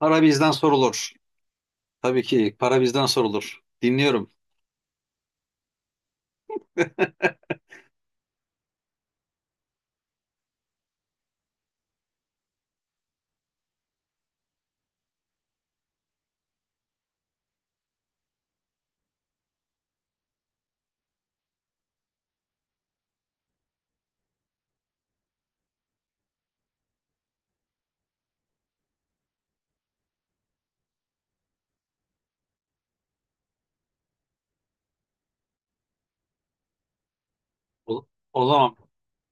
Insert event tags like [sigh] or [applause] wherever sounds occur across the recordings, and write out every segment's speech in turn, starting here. Para bizden sorulur. Tabii ki para bizden sorulur. Dinliyorum. O, o zaman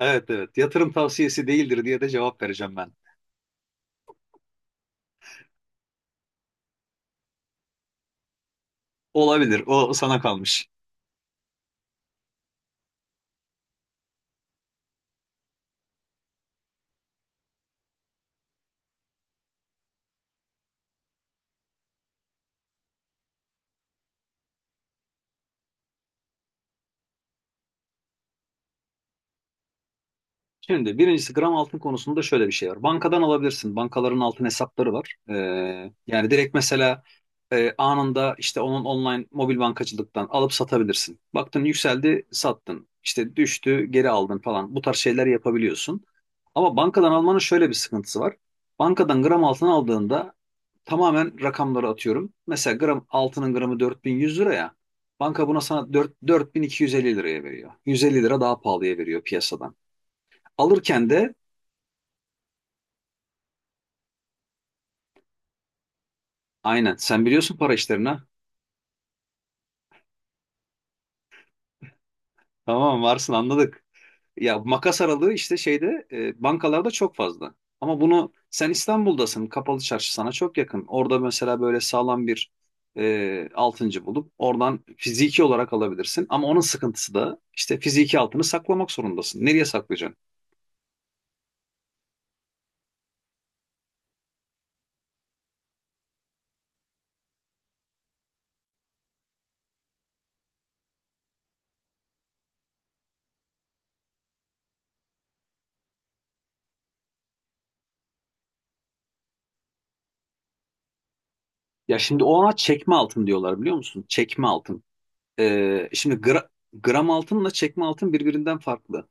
evet evet yatırım tavsiyesi değildir diye de cevap vereceğim ben. Olabilir. O sana kalmış. Şimdi birincisi gram altın konusunda şöyle bir şey var. Bankadan alabilirsin. Bankaların altın hesapları var. Yani direkt mesela anında işte onun online mobil bankacılıktan alıp satabilirsin. Baktın yükseldi, sattın. İşte düştü, geri aldın falan. Bu tarz şeyler yapabiliyorsun. Ama bankadan almanın şöyle bir sıkıntısı var. Bankadan gram altın aldığında tamamen rakamları atıyorum. Mesela gram altının gramı 4100 lira ya. Banka buna sana 4250 liraya veriyor. 150 lira daha pahalıya veriyor piyasadan. Alırken de aynen, sen biliyorsun para işlerini, ha. Tamam, varsın anladık. Ya, makas aralığı işte şeyde bankalarda çok fazla. Ama bunu sen İstanbul'dasın, kapalı çarşı sana çok yakın. Orada mesela böyle sağlam bir altıncı bulup oradan fiziki olarak alabilirsin. Ama onun sıkıntısı da işte fiziki altını saklamak zorundasın. Nereye saklayacaksın? Ya şimdi ona çekme altın diyorlar, biliyor musun? Çekme altın. Şimdi gram altınla çekme altın birbirinden farklı.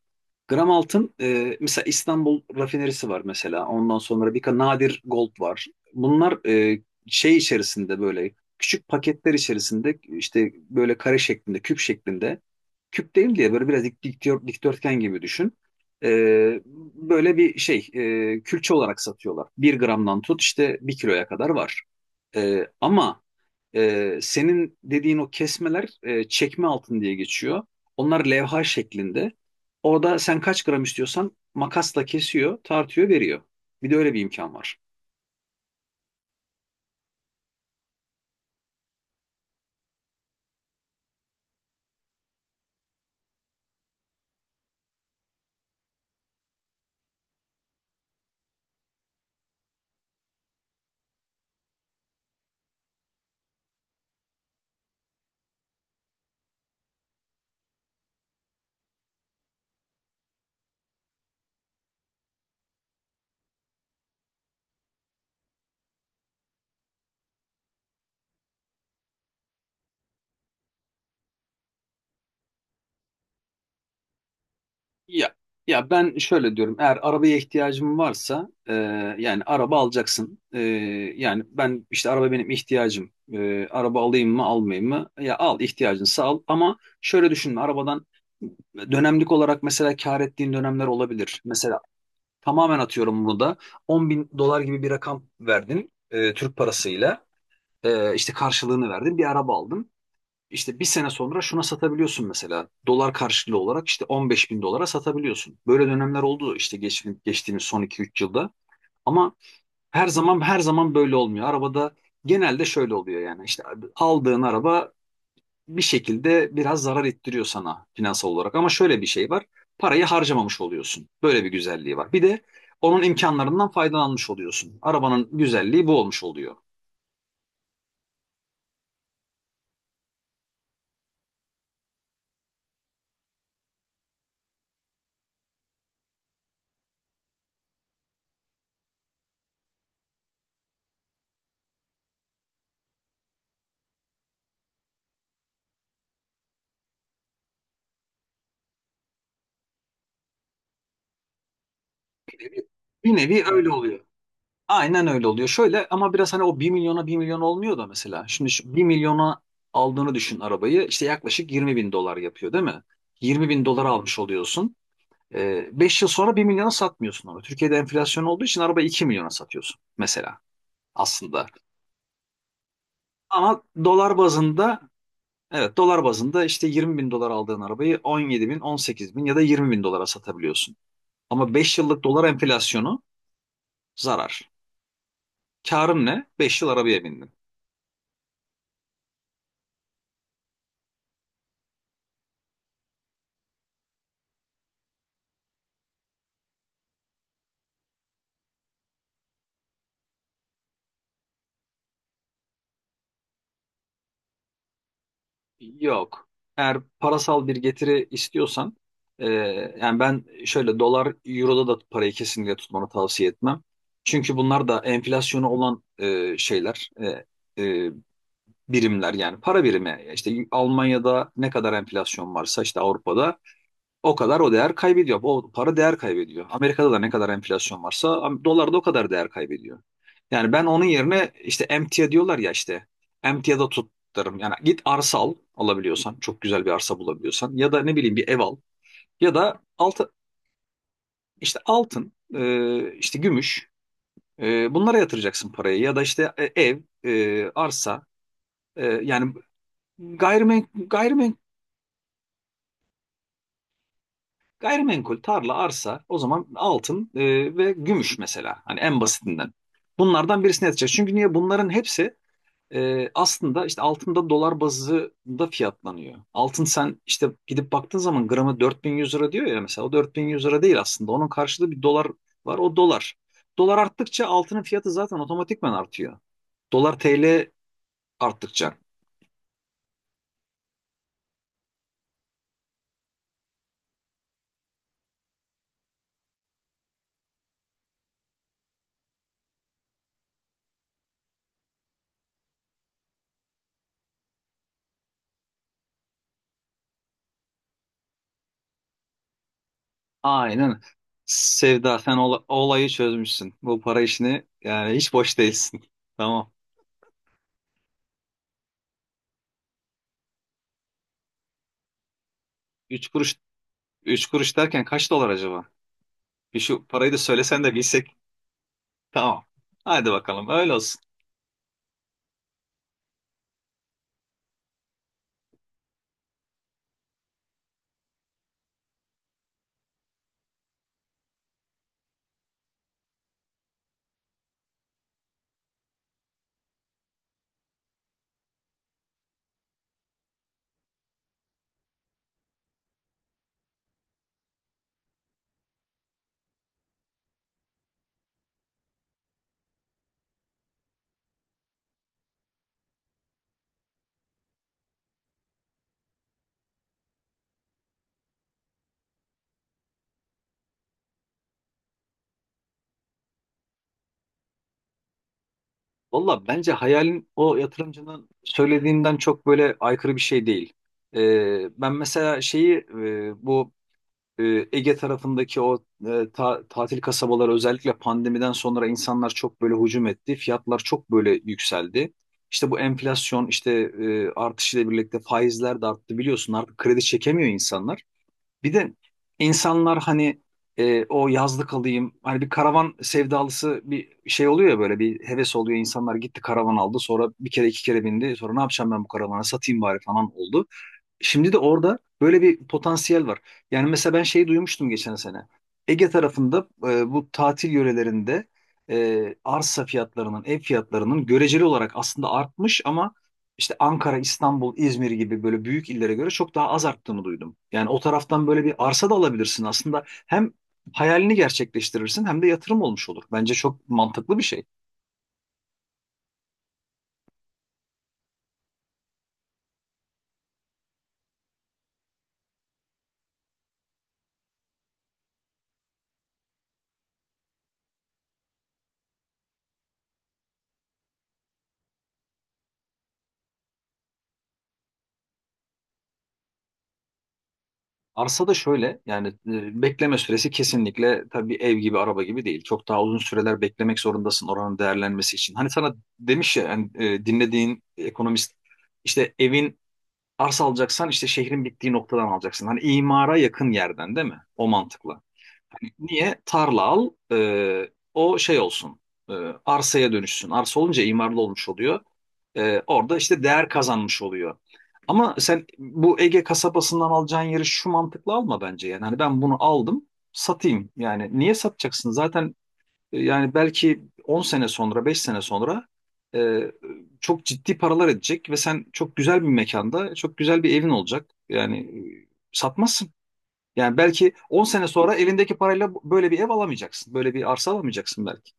Gram altın, mesela İstanbul rafinerisi var mesela. Ondan sonra bir nadir gold var. Bunlar şey içerisinde, böyle küçük paketler içerisinde, işte böyle kare şeklinde, küp şeklinde. Küp değil diye böyle biraz dikdörtgen gibi düşün. Ee, böyle bir şey, külçe olarak satıyorlar. Bir gramdan tut işte bir kiloya kadar var. Ama senin dediğin o kesmeler, çekme altın diye geçiyor. Onlar levha şeklinde. Orada sen kaç gram istiyorsan makasla kesiyor, tartıyor, veriyor. Bir de öyle bir imkan var. Ya ya ben şöyle diyorum. Eğer arabaya ihtiyacım varsa yani araba alacaksın. Yani ben işte araba benim ihtiyacım. Araba alayım mı, almayayım mı? Ya al, ihtiyacınsa al. Ama şöyle düşünme arabadan, dönemlik olarak mesela kar ettiğin dönemler olabilir. Mesela, tamamen atıyorum bunu da. 10 bin dolar gibi bir rakam verdin Türk parasıyla. İşte karşılığını verdin. Bir araba aldın. İşte bir sene sonra şuna satabiliyorsun mesela. Dolar karşılığı olarak işte 15 bin dolara satabiliyorsun. Böyle dönemler oldu işte geçtiğimiz son iki üç yılda. Ama her zaman her zaman böyle olmuyor. Arabada genelde şöyle oluyor yani. İşte aldığın araba bir şekilde biraz zarar ettiriyor sana finansal olarak. Ama şöyle bir şey var. Parayı harcamamış oluyorsun. Böyle bir güzelliği var. Bir de onun imkanlarından faydalanmış oluyorsun. Arabanın güzelliği bu olmuş oluyor. Bir nevi, bir nevi, öyle oluyor. Aynen öyle oluyor. Şöyle, ama biraz hani o bir milyona bir milyon olmuyor da mesela. Şimdi şu 1 milyona aldığını düşün arabayı. İşte yaklaşık 20 bin dolar yapıyor değil mi? 20 bin dolar almış oluyorsun. 5 yıl sonra bir milyona satmıyorsun onu. Türkiye'de enflasyon olduğu için araba 2 milyona satıyorsun mesela aslında. Ama dolar bazında, evet, dolar bazında işte 20 bin dolar aldığın arabayı 17 bin, 18 bin ya da 20 bin dolara satabiliyorsun. Ama 5 yıllık dolar enflasyonu zarar. Karın ne? 5 yıl arabaya bindin. Yok. Eğer parasal bir getiri istiyorsan e, yani ben şöyle dolar, euroda da parayı kesinlikle tutmanı tavsiye etmem. Çünkü bunlar da enflasyonu olan şeyler, e, e, birimler, yani para birimi. İşte Almanya'da ne kadar enflasyon varsa işte Avrupa'da o kadar o değer kaybediyor. O para değer kaybediyor. Amerika'da da ne kadar enflasyon varsa dolar da o kadar değer kaybediyor. Yani ben onun yerine işte emtia diyorlar ya, işte emtiada tutarım. Yani git arsa alabiliyorsan çok güzel bir arsa bulabiliyorsan, ya da ne bileyim bir ev al, ya da işte altın, işte gümüş, bunlara yatıracaksın parayı, ya da işte ev, arsa, yani gayrimenkul. Gayrimenkul, tarla, arsa, o zaman altın ve gümüş mesela. Hani en basitinden. Bunlardan birisine yatacak. Çünkü niye? Bunların hepsi aslında işte altında dolar bazında fiyatlanıyor. Altın, sen işte gidip baktığın zaman gramı 4100 lira diyor ya mesela. O 4100 lira değil aslında. Onun karşılığı bir dolar var. O dolar. Dolar arttıkça altının fiyatı zaten otomatikman artıyor. Dolar TL arttıkça. Aynen. Sevda, sen olayı çözmüşsün. Bu para işini yani, hiç boş değilsin. [laughs] Tamam. Üç kuruş, üç kuruş derken kaç dolar acaba? Bir şu parayı da söylesen de bilsek. Tamam. Hadi bakalım, öyle olsun. Valla bence hayalin o yatırımcının söylediğinden çok böyle aykırı bir şey değil. Ben mesela şeyi, bu e, Ege tarafındaki o tatil kasabaları, özellikle pandemiden sonra insanlar çok böyle hücum etti. Fiyatlar çok böyle yükseldi. İşte bu enflasyon işte artışıyla birlikte faizler de arttı, biliyorsun artık kredi çekemiyor insanlar. Bir de insanlar hani o yazlık alayım, hani bir karavan sevdalısı bir şey oluyor ya, böyle bir heves oluyor, insanlar gitti karavan aldı, sonra bir kere iki kere bindi, sonra ne yapacağım ben bu karavana, satayım bari falan oldu. Şimdi de orada böyle bir potansiyel var. Yani mesela ben şeyi duymuştum geçen sene. Ege tarafında, bu tatil yörelerinde arsa fiyatlarının, ev fiyatlarının göreceli olarak aslında artmış, ama işte Ankara, İstanbul, İzmir gibi böyle büyük illere göre çok daha az arttığını duydum. Yani o taraftan böyle bir arsa da alabilirsin aslında. Hem hayalini gerçekleştirirsin hem de yatırım olmuş olur. Bence çok mantıklı bir şey. Arsa da şöyle yani, bekleme süresi kesinlikle tabii ev gibi, araba gibi değil. Çok daha uzun süreler beklemek zorundasın, oranın değerlenmesi için. Hani sana demiş ya yani, dinlediğin ekonomist işte, arsa alacaksan işte şehrin bittiği noktadan alacaksın. Hani imara yakın yerden, değil mi? O mantıkla. Niye? Tarla al, o şey olsun, e, arsaya dönüşsün. Arsa olunca imarlı olmuş oluyor. Orada işte değer kazanmış oluyor. Ama sen bu Ege kasabasından alacağın yeri şu mantıkla alma bence. Yani hani, ben bunu aldım, satayım. Yani niye satacaksın? Zaten yani belki 10 sene sonra, 5 sene sonra, e, çok ciddi paralar edecek ve sen çok güzel bir mekanda, çok güzel bir evin olacak. Yani satmazsın. Yani belki 10 sene sonra elindeki parayla böyle bir ev alamayacaksın. Böyle bir arsa alamayacaksın belki.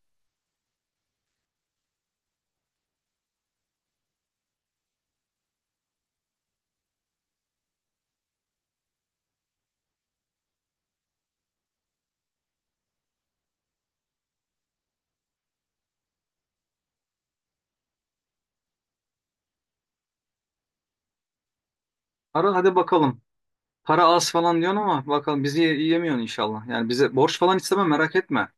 Ara hadi bakalım. Para az falan diyorsun ama bakalım bizi yiyemiyorsun inşallah. Yani bize borç falan istemem, merak etme.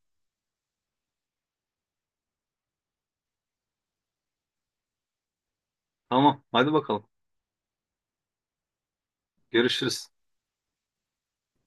Tamam, hadi bakalım. Görüşürüz.